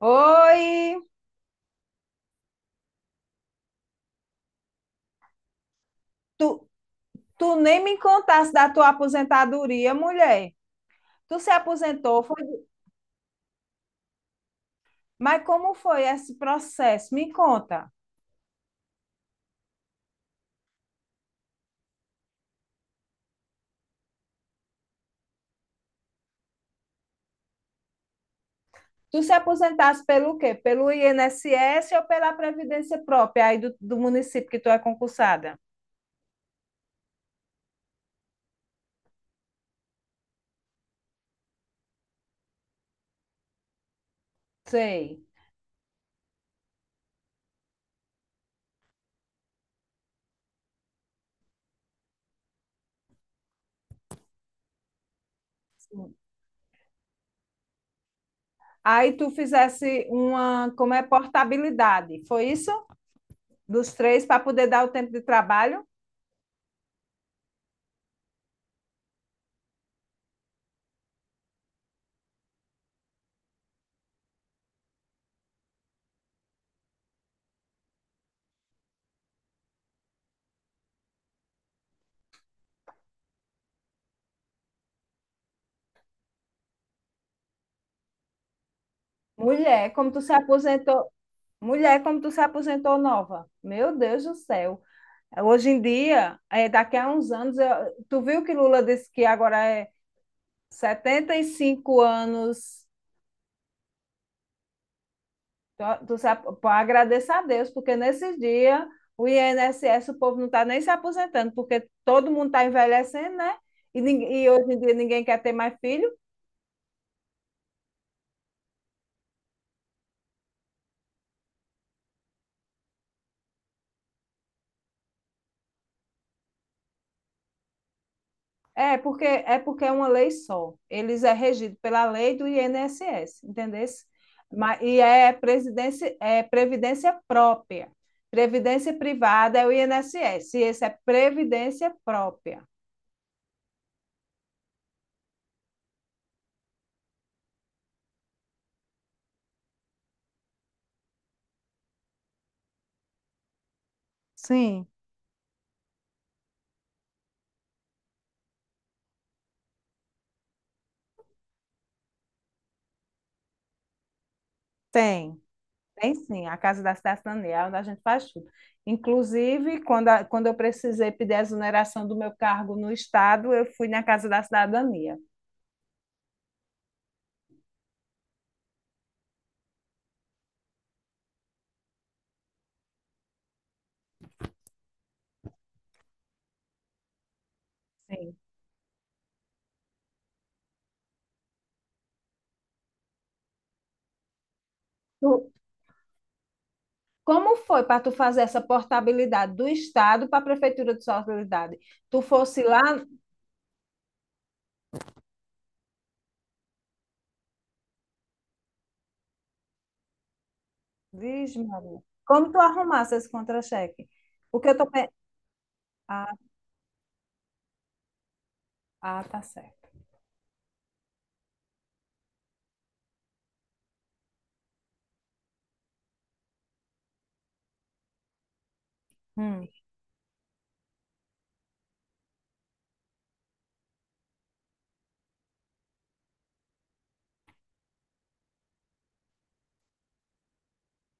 Oi, tu, tu nem me contaste da tua aposentadoria, mulher. Tu se aposentou, foi... Mas como foi esse processo? Me conta. Tu se aposentaste pelo quê? Pelo INSS ou pela Previdência própria aí do município que tu é concursada? Sei. Sim. Aí tu fizesse uma, como é, portabilidade, foi isso? Dos três para poder dar o tempo de trabalho? Mulher, como tu se aposentou, mulher, como tu se aposentou nova. Meu Deus do céu. Hoje em dia, é, daqui a uns anos, tu viu que Lula disse que agora é 75 anos. Tu se pô, agradeça a Deus, porque nesses dias o INSS, o povo não está nem se aposentando, porque todo mundo está envelhecendo, né? E, e hoje em dia ninguém quer ter mais filho. É porque é porque é uma lei só. Eles é regido pela lei do INSS, entendeu? Mas, e é, presidência, é previdência própria. Previdência privada é o INSS, e esse é previdência própria. Sim, tem. Tem sim, a Casa da Cidade Cidadania, é onde a gente faz tudo. Inclusive, quando, quando eu precisei pedir a exoneração do meu cargo no Estado, eu fui na Casa da Cidadania. Sim. Tu- Como foi para tu fazer essa portabilidade do Estado para a Prefeitura de Solidariedade? Tu fosse lá, diz, Maria, como tu arrumasse esse contra-cheque? Porque eu tô... Ah, ah, tá certo. Hum.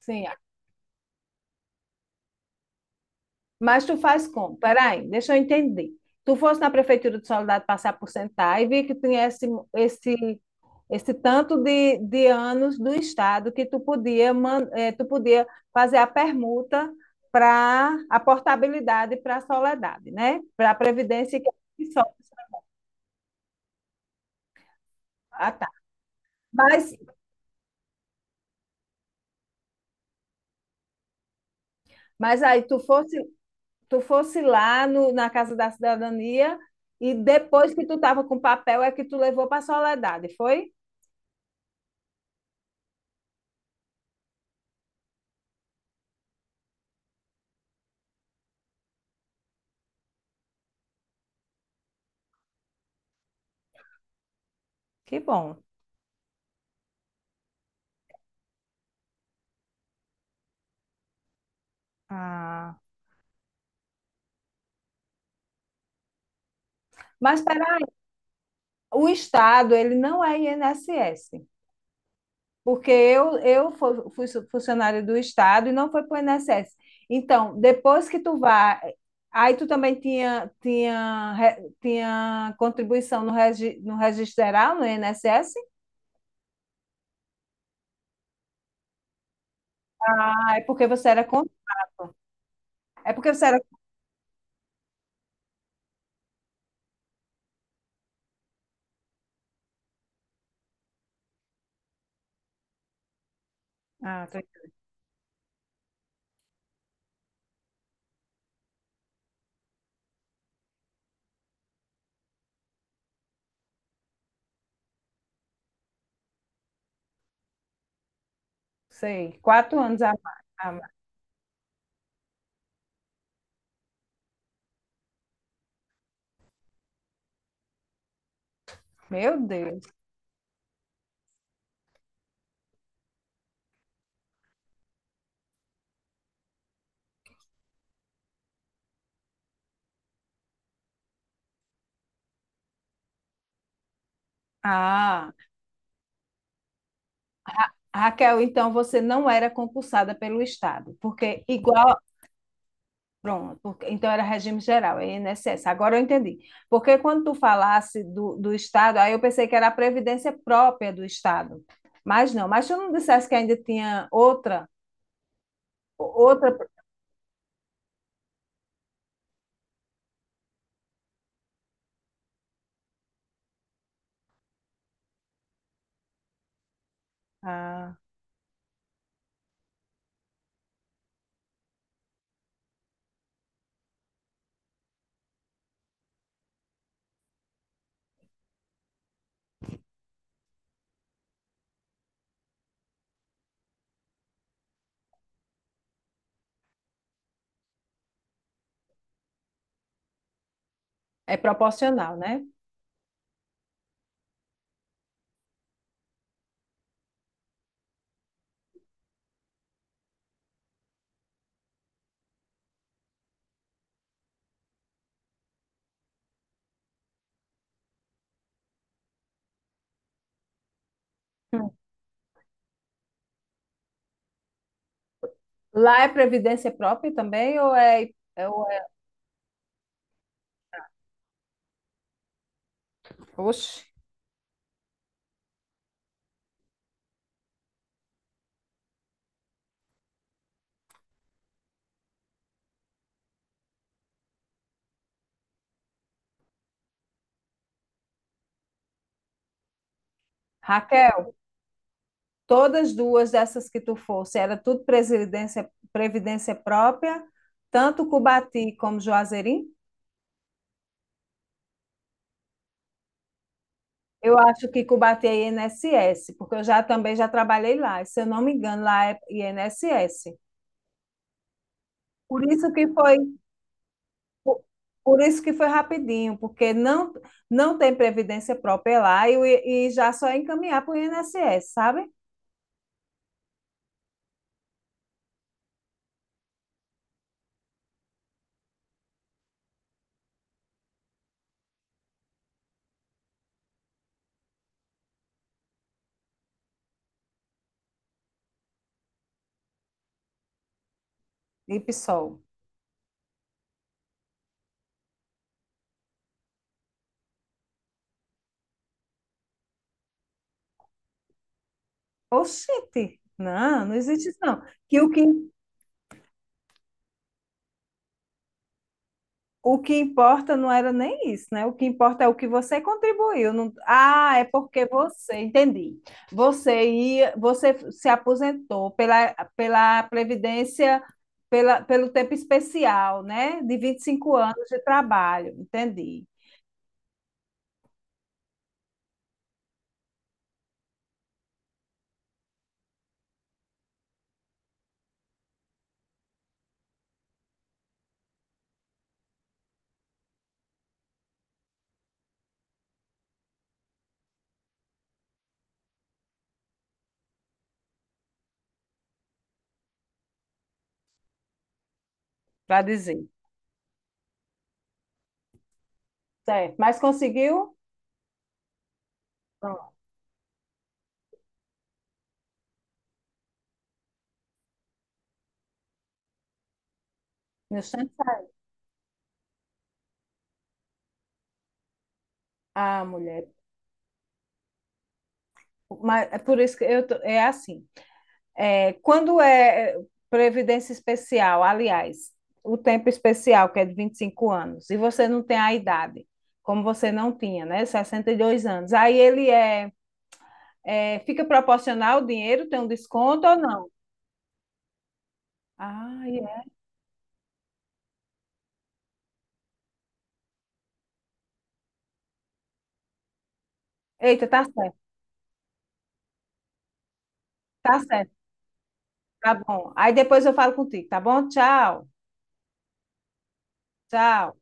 Sim. Mas tu faz como? Peraí, deixa eu entender. Tu fosse na Prefeitura de Soledade passar por sentar e vi que tinha esse, esse, esse tanto de anos do Estado que tu podia, tu podia fazer a permuta para a portabilidade para a Soledade, né? Para a Previdência que é só. Ah, tá. Mas, mas aí tu fosse lá no, na Casa da Cidadania e depois que tu estava com o papel é que tu levou para a Soledade, foi? Que bom. Ah. Mas peraí, o Estado, ele não é INSS, porque eu fui funcionária do Estado e não foi para o INSS. Então, depois que tu vai aí tu também tinha, tinha, tinha contribuição no, regi, no registral, no INSS? Ah, é porque você era contra. É porque você era. Ah, sei, 4 anos a mais. A mais. Meu Deus. Ah, Raquel, então você não era concursada pelo Estado, porque igual. Pronto, porque- então era regime geral, é INSS. Agora eu entendi. Porque quando tu falasse do Estado, aí eu pensei que era a previdência própria do Estado. Mas não, mas tu não dissesse que ainda tinha outra, outra. Ah. É proporcional, né? Lá é previdência própria também ou é, ou é... Oxe. Raquel, todas duas dessas que tu fosse, era tudo previdência, previdência própria, tanto Cubati como Juazeirinho? Eu acho que Cubati é INSS, porque eu já também já trabalhei lá, e se eu não me engano, lá é INSS. Por isso que foi, por, por isso que foi rapidinho, porque não não tem previdência própria lá e, e já só é encaminhar para o INSS, sabe? E PSOL. Oxente, não, não existe isso não. Que o que, o que importa não era nem isso, né? O que importa é o que você contribuiu. Ah, é porque você, entendi. Você ia, você se aposentou pela, pela Previdência, pela, pelo tempo especial, né? De 25 anos de trabalho, entendi, para dizer. Certo, mas conseguiu? Pronto. Meu sangue saiu. Ah, mulher, mas é por isso que eu é assim. É, quando é é, previdência especial, aliás, o tempo especial, que é de 25 anos, e você não tem a idade, como você não tinha, né? 62 anos. Aí ele é, é fica proporcional o dinheiro, tem um desconto ou não? Ah, é. Eita, tá certo, tá certo, tá bom. Aí depois eu falo contigo, tá bom? Tchau, tchau.